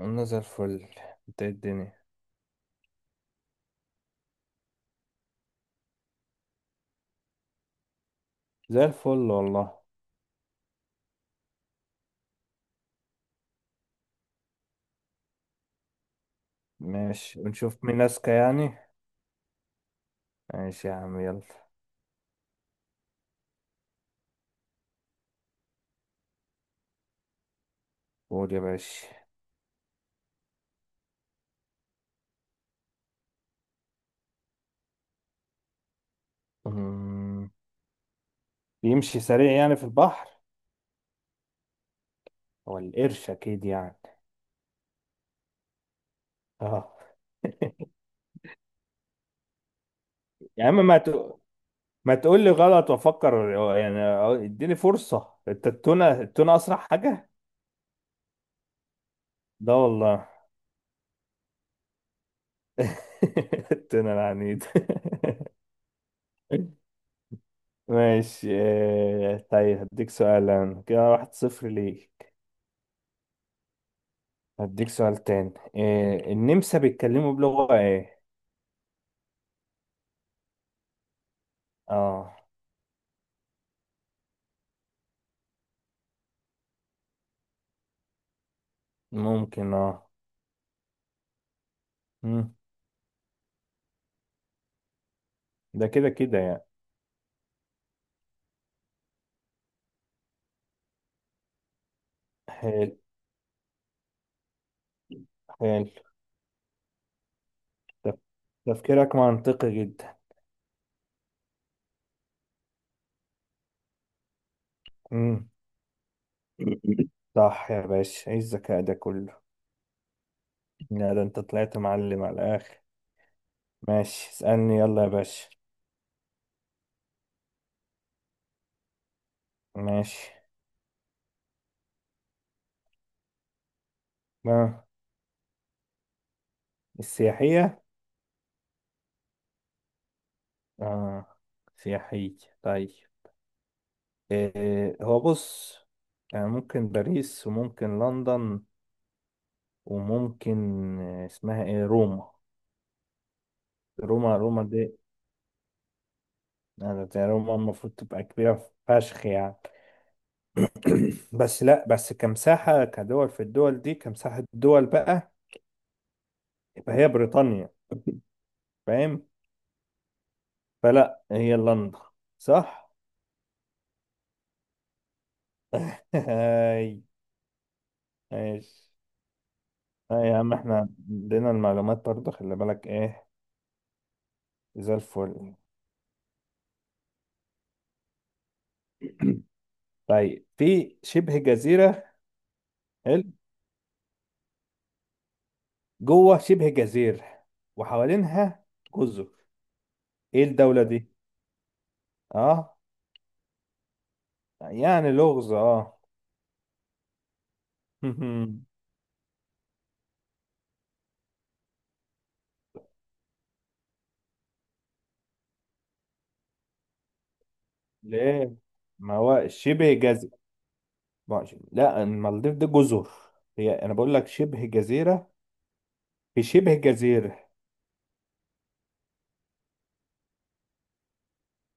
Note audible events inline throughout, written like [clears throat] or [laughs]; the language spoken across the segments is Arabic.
انا زي الفل. انت، إيه الدنيا؟ زي الفل والله. ماشي ونشوف مين اذكى يعني. ماشي يا عم يلا. قول يا باشا. أمم، بيمشي سريع يعني في البحر. هو القرش اكيد يعني. اه. [laughs] يا عم ما تقول لي غلط وافكر يعني. اديني فرصة، انت التونة التونة اسرع حاجة؟ ده والله. [laughs] التونة العنيد. [laughs] ماشي، طيب هديك سؤال أنا. كده 1-0 ليك. هديك سؤال تاني، إيه النمسا بيتكلموا بلغة ايه؟ اه. ممكن اه. مم. ده كده كده يعني. حلو حلو. تف- تفكيرك منطقي جدا. مم. صح يا باشا، ايه الذكاء ده كله. لا ده انت طلعت معلم على الاخر. ماشي اسألني يلا يا باشا. ماشي. ما السياحية. اه سياحية. طيب، إيه هو بص يعني ممكن باريس وممكن لندن وممكن اسمها ايه، روما. روما روما دي. أنا بتاع روما المفروض تبقى كبيرة فشخ يعني. [clears throat] بس لا، بس كمساحة كدول، في الدول دي كمساحة دول بقى، يبقى هي بريطانيا، فاهم؟ فلا هي لندن، صح. [laughs] هاي. ماشي. هاي يا عم، احنا عندنا المعلومات برضه، خلي بالك ايه. زي الفل. [clears throat] طيب، في شبه جزيرة. حلو. جوه شبه جزيرة وحوالينها جزر، ايه الدولة دي؟ اه. يعني لغز اه. [laughs] ليه؟ ما هو شبه جزيرة. ماشي. لا، المالديف دي جزر. هي انا بقول لك شبه جزيرة، في شبه جزيرة.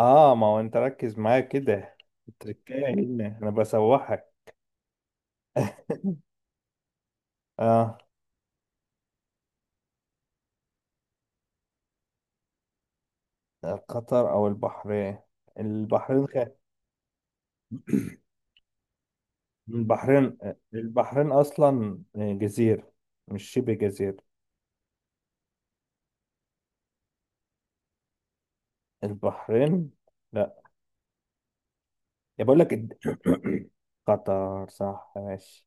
اه. ما هو انت ركز معايا كده. التركية هنا انا بسوحك. [laughs] اه. قطر او البحرين. البحرين خ... [clears throat] البحرين البحرين اصلا جزيرة، مش شبه جزيرة. البحرين. لا، يا بقول لك [coughs] [clears throat] قطر صح، ماشي.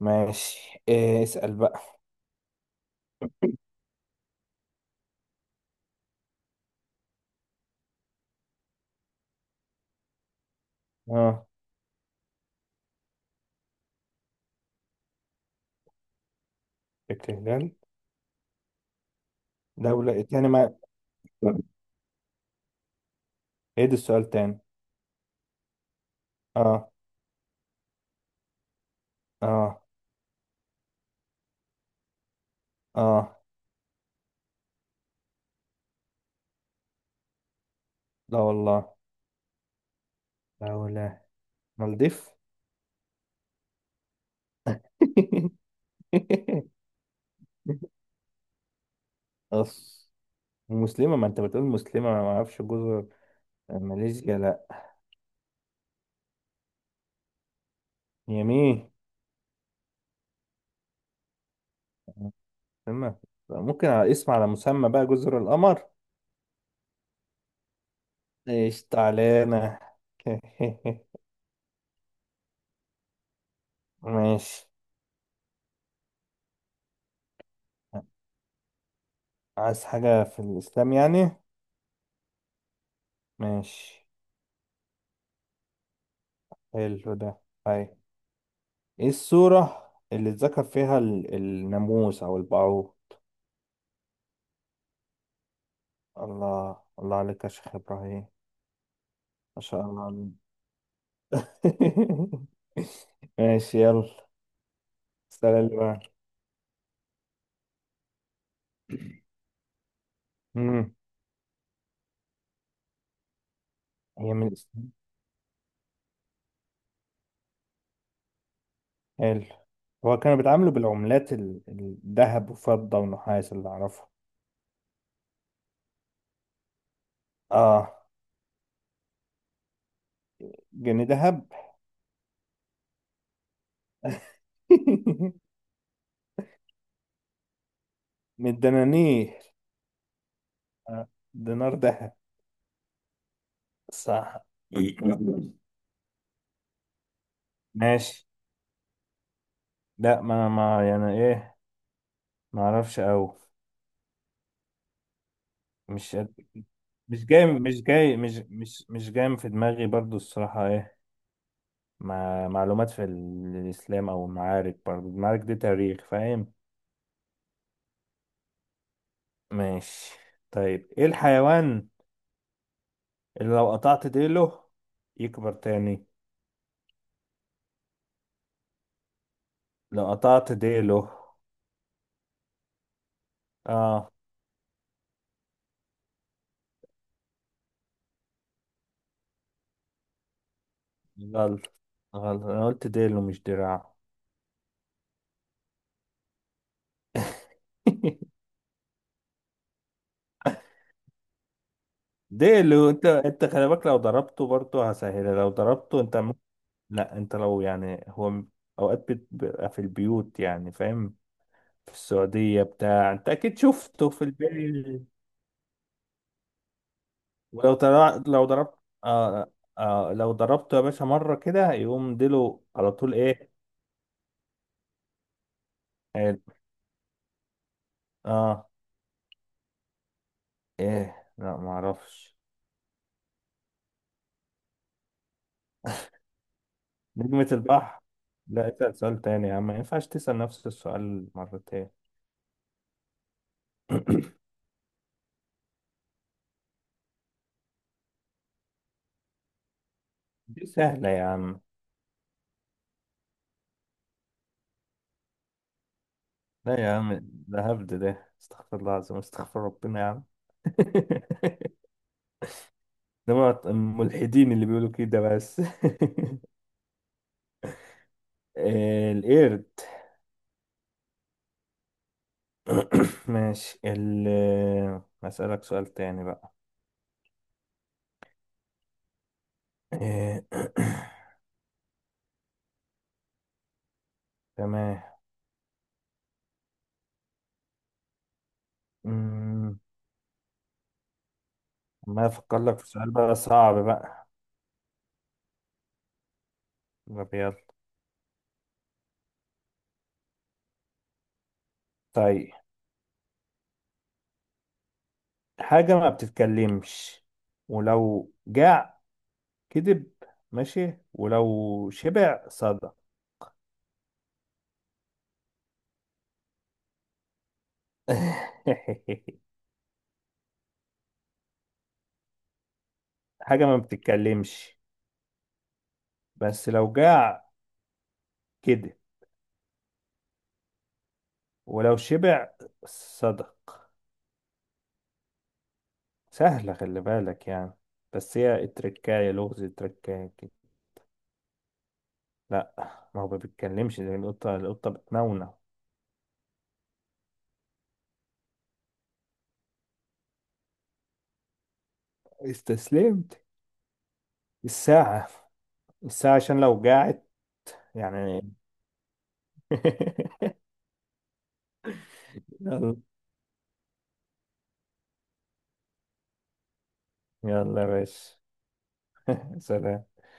ماشي، إيه اسأل بقى. اه. التهلال. دولة تاني ما. ايه ده السؤال تاني؟ اه اه اه. لا والله. دولة، مالديف. [laughs] أص. مسلمة؟ ما انت بتقول مسلمة ما اعرفش جزر. ماليزيا؟ لا. يمين. مسلمة. ممكن على اسم على مسمى بقى، جزر القمر. ايش تعالينا. [laughs] ماشي. عايز حاجة في الإسلام يعني؟ ماشي. حلو ده. أي. إيه السورة اللي اتذكر فيها الناموس أو البعوض؟ الله الله عليك يا شيخ إبراهيم. ما شاء الله عليك. [laughs] ماشي يلا. السؤال اللي بعده. مم. هي من الإسلام. حلو. هو كانوا بيتعاملوا بالعملات الذهب وفضة ونحاس اللي أعرفه. آه جنيه ذهب. [laughs] من الدنانير. آه، دينار ذهب. صح. [laughs] ماشي. لا، ما يعني ايه، ما اعرفش قوي. مش قد- مش جاي في دماغي برضو، الصراحة ايه. مع معلومات في الاسلام او المعارك، برضو المعارك دي تاريخ، فاهم. ماشي. طيب ايه الحيوان اللي لو قطعت ديله يكبر تاني؟ لو قطعت ديله. اه. غلط غلط، انا قلت ديله مش دراعه. [laughs] ديله، انت خلي بالك، لو ضربته برضو هسهلها، لو ضربته انت. لا، انت لو يعني هو اوقات بتبقى في البيوت يعني فاهم، في السعودية بتاع انت اكيد شفته في البيت. لو ضربت آه... آه... لو ضربته يا باشا مرة كده يقوم ديله على طول، ايه. حلو. اه. ايه، لا ما اعرفش. نجمة البحر. لا، اسأل سؤال تاني يا عم، ما ينفعش تسأل نفس السؤال مرتين. [clears throat] [coughs] دي سهلة يا عم. لا يا عم، ده هبد ده، استغفر الله العظيم، استغفر ربنا يا عم. [laughs] انما الملحدين اللي بيقولوا كده بس. [laughs] القرد. [coughs] ماشي، هسألك سؤال تاني بقى. آه، [coughs] تمام. أمم، ما افكر لك في سؤال بقى صعب بقى. طب يلا. طيب، حاجة ما بتتكلمش، ولو جاع كذب، ماشي، ولو شبع صدق. [laughs] حاجة ما بتتكلمش، بس لو جاع كذب ولو شبع صدق. سهلة، خلي بالك يعني. بس هي التركاية لغز، التركاية كده. لا. ما هو ما بيتكلمش، زي القطة، القطة بتنونو. استسلمت. الساعة، الساعة عشان لو قاعد يعني. [laughs] يلا. يلا يا باشا، سلام.